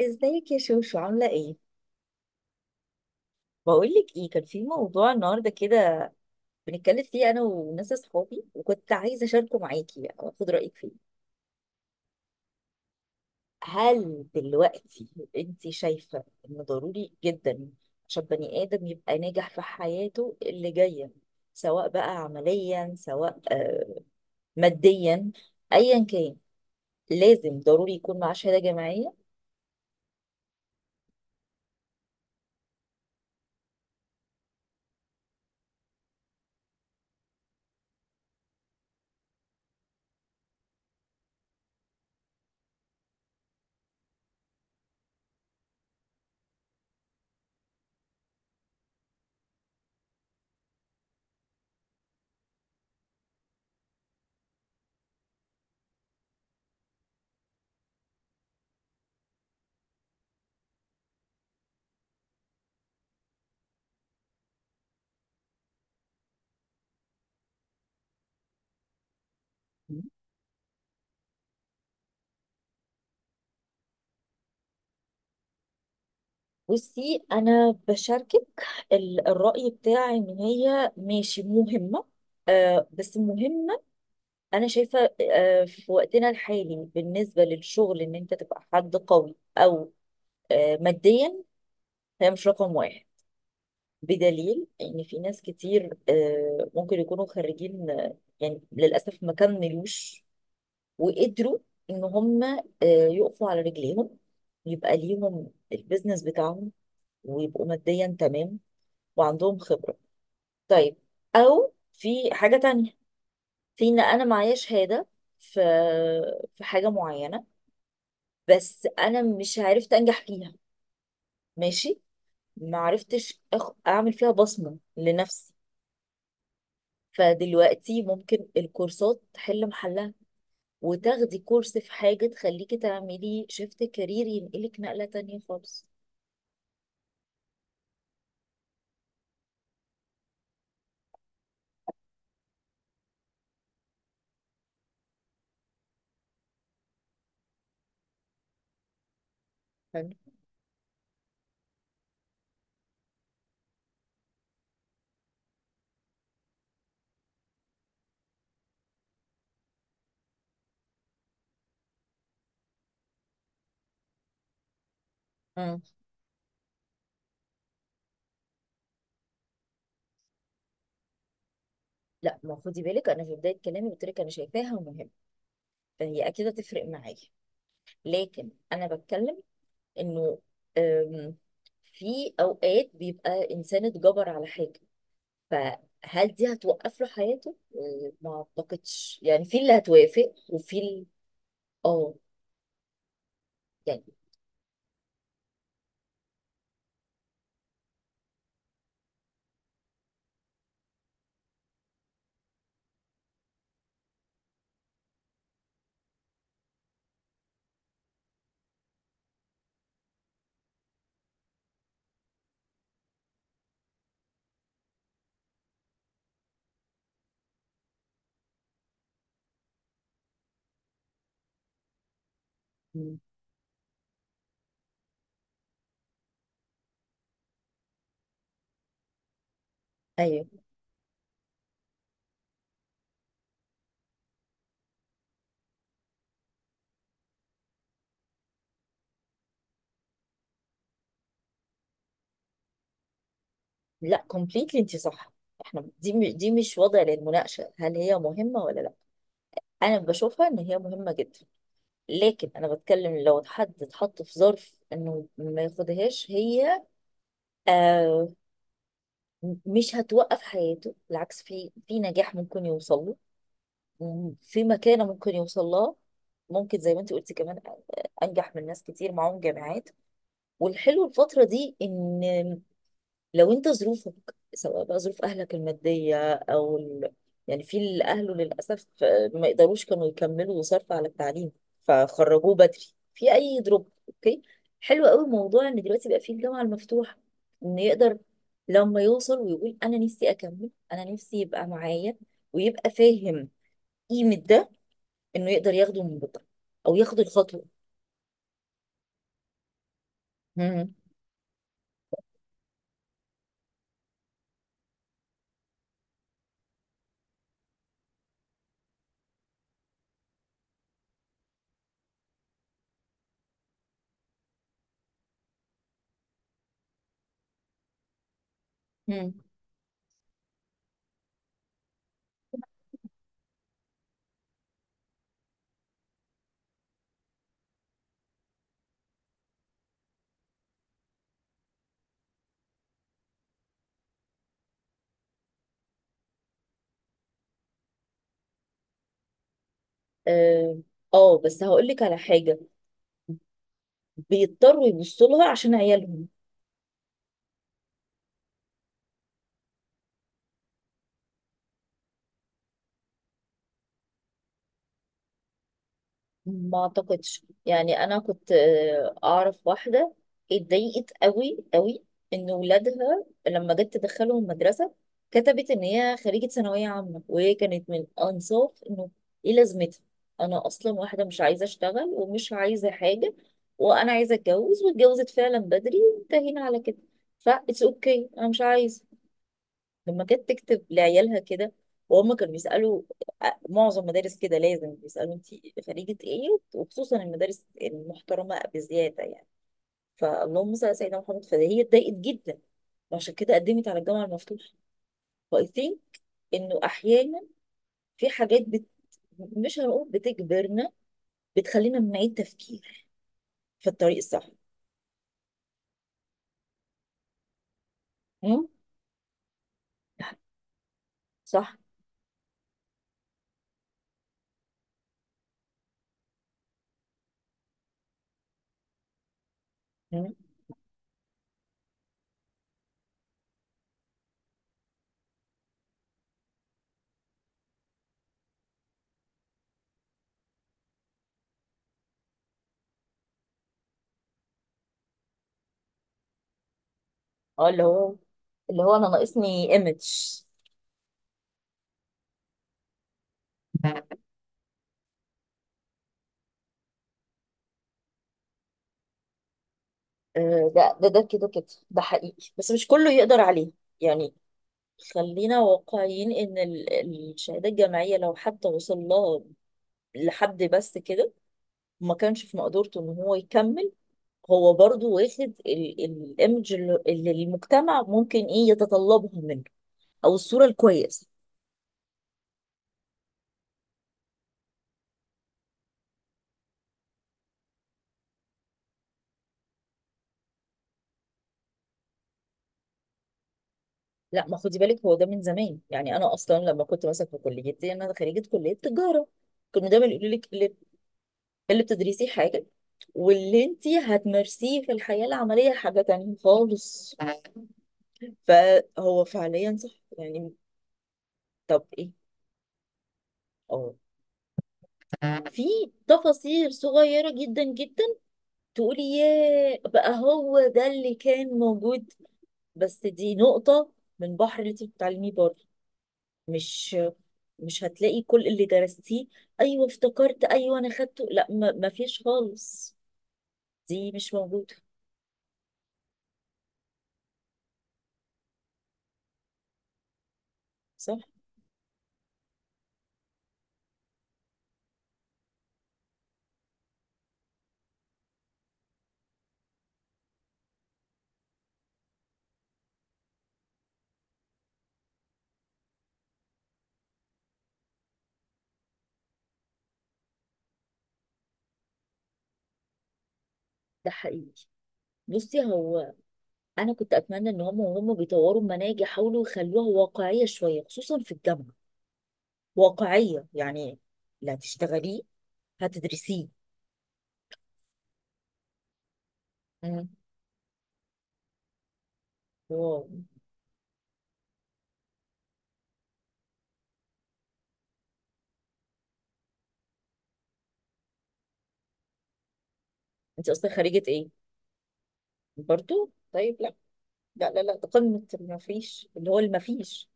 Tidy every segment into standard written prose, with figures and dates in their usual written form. ازيك يا شوشو، عاملة ايه؟ بقولك ايه، كان في موضوع النهاردة كده بنتكلم فيه انا وناس اصحابي، وكنت عايزة اشاركه معاكي يعني واخد رأيك فيه. هل دلوقتي انت شايفة ان ضروري جدا عشان بني ادم يبقى ناجح في حياته اللي جاية، سواء بقى عمليا، سواء ماديا، ايا كان، لازم ضروري يكون معاه شهادة جامعية؟ بصي انا بشاركك الرأي بتاعي ان هي ماشي مهمة، بس مهمة. انا شايفة في وقتنا الحالي بالنسبة للشغل ان انت تبقى حد قوي او ماديا، هي مش رقم واحد. بدليل ان في ناس كتير ممكن يكونوا خريجين، يعني للأسف ما كملوش وقدروا ان هم يقفوا على رجليهم، يبقى ليهم البيزنس بتاعهم ويبقوا ماديا تمام وعندهم خبرة. طيب، أو في حاجة تانية، في إن أنا معايا شهادة في في حاجة معينة بس أنا مش عرفت أنجح فيها. ماشي، ما عرفتش أعمل فيها بصمة لنفسي. فدلوقتي ممكن الكورسات تحل محلها، وتاخدي كورس في حاجة تخليكي تعملي شيفت كارير ينقلك نقلة تانية خالص. حلو. مم. لا، ما خدي بالك، أنا في بداية كلامي قلت لك أنا شايفاها مهمة، فهي أكيد هتفرق معايا. لكن أنا بتكلم انه آم، في اوقات بيبقى انسان اتجبر على حاجه، فهل دي هتوقف له حياته؟ ما اعتقدش، يعني في اللي هتوافق وفي اللي. اه، يعني، م، ايوه. لا، كومبليتلي انت صح. احنا دي دي مش وضع للمناقشه، هل هي مهمه ولا لا؟ انا بشوفها ان هي مهمه جدا. لكن انا بتكلم لو حد اتحط في ظرف انه ما ياخدهاش هي، آه مش هتوقف حياته، بالعكس في نجاح ممكن يوصل له، في مكانة ممكن يوصل لها، ممكن زي ما انت قلتي كمان انجح من ناس كتير معاهم جامعات. والحلو الفترة دي ان، لو انت ظروفك، سواء بقى ظروف اهلك المادية او يعني في اللي اهله للاسف ما يقدروش كانوا يكملوا صرف على التعليم فخرجوه بدري، في اي دروب، اوكي. حلو قوي موضوع ان دلوقتي بقى في الجامعة المفتوحة، ان يقدر لما يوصل ويقول انا نفسي اكمل، انا نفسي يبقى معايا ويبقى فاهم قيمة ده، انه يقدر ياخده من بكره او ياخد الخطوه. مم. مم. اه. بس هقول لك على حاجه، بيضطروا يبصوا لها عشان عيالهم. ما اعتقدش، يعني انا كنت اعرف واحده اتضايقت قوي قوي ان ولادها لما جت تدخلهم المدرسه كتبت ان هي خريجه ثانويه عامه، وهي كانت من انصاف انه ايه لازمتها، انا اصلا واحده مش عايزه اشتغل ومش عايزه حاجه، وانا عايزه اتجوز واتجوزت فعلا بدري وانتهينا على كده، فا اتس اوكي، انا مش عايزه. لما كانت تكتب لعيالها كده وهم كانوا بيسألوا، معظم مدارس كده لازم بيسألوا انت خريجة ايه، وخصوصا المدارس المحترمة بزيادة يعني، فاللهم صل على سيدنا محمد، فهي اتضايقت جدا وعشان كده قدمت على الجامعة المفتوحة. فاي ثينك انه احيانا في حاجات مش هنقول بتجبرنا، بتخلينا من نعيد تفكير في الطريق الصح. مم؟ صح. مم؟ اه، اللي هو انا ناقصني ايمج. ده كده ده حقيقي بس مش كله يقدر عليه، يعني خلينا واقعيين ان الشهاده الجامعيه لو حتى وصل لها لحد بس كده، وما كانش في مقدورته ان هو يكمل، هو برضو واخد الايمج اللي المجتمع ممكن ايه يتطلبها منه، او الصوره الكويسه. لا، ما خدي بالك، هو ده من زمان، يعني انا اصلا لما كنت مثلا في كليتي انا خريجه كليه تجاره، كانوا دايما يقولوا لك اللي بتدرسيه حاجة واللي انتي هتمارسيه في الحياة العملية حاجة تانية خالص، فهو فعليا صح يعني. طب ايه، اه، في تفاصيل صغيرة جدا جدا تقولي ياه بقى هو ده اللي كان موجود، بس دي نقطة من بحر اللي انت بتتعلميه بره. مش مش هتلاقي كل اللي درستيه، ايوه افتكرت، ايوه انا خدته، لا ما فيش خالص، دي مش موجودة. صح. ده حقيقي. بصي، هو انا كنت اتمنى ان هم وهم بيطوروا المناهج يحاولوا يخلوها واقعيه شويه خصوصا في الجامعه. واقعيه يعني، لا تشتغليه هتدرسيه. مم. واو. انت اصلا خريجه ايه؟ برضو طيب، لا لا لا لا، ده قمه، ما فيش اللي هو اللي ما فيش.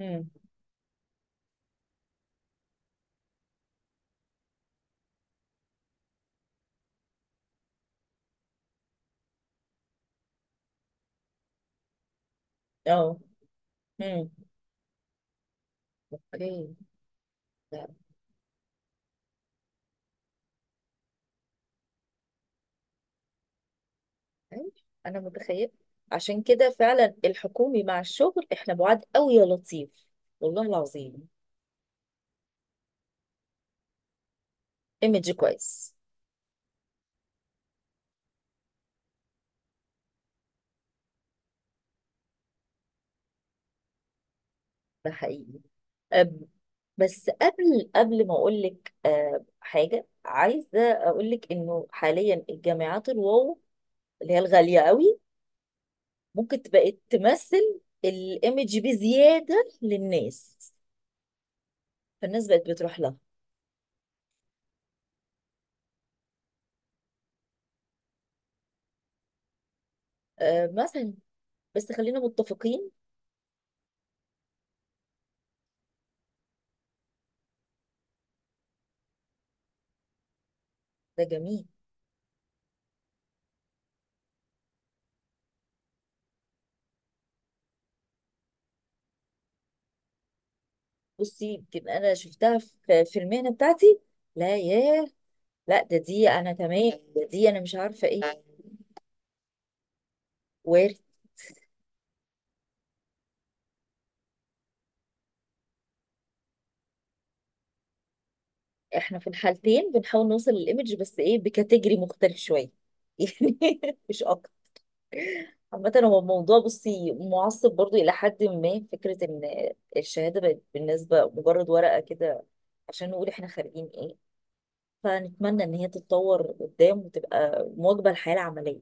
امم. اه. امم. اوكي. لا، أيوة، انا متخيل، عشان كده فعلا الحكومي مع الشغل احنا بعاد قوي، يا لطيف. والله العظيم. ايمج كويس. ده حقيقي. أم، بس قبل ما اقول لك حاجه، عايزه اقول لك انه حاليا الجامعات الواو اللي هي الغاليه قوي ممكن بقت تمثل الايمج بزياده للناس، فالناس بقت بتروح لها. مثلا بس خلينا متفقين، ده جميل. بصي يمكن انا شفتها في المهنه بتاعتي. لا ياه، لا، دي انا تمام، دي انا مش عارفه ايه. احنا في الحالتين بنحاول نوصل للايمج بس ايه بكاتيجري مختلف شويه، يعني مش اكتر. عامة هو الموضوع بصي معصب برضو إلى حد ما، فكرة إن الشهادة بقت بالنسبة مجرد ورقة كده، عشان نقول إحنا خارجين إيه. فنتمنى إن هي تتطور قدام وتبقى مواكبة للحياة العملية.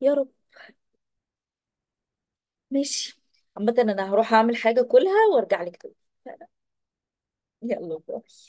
يا رب. ماشي. عامة أنا هروح أعمل حاجة كلها وأرجع لك تاني. يلا باي.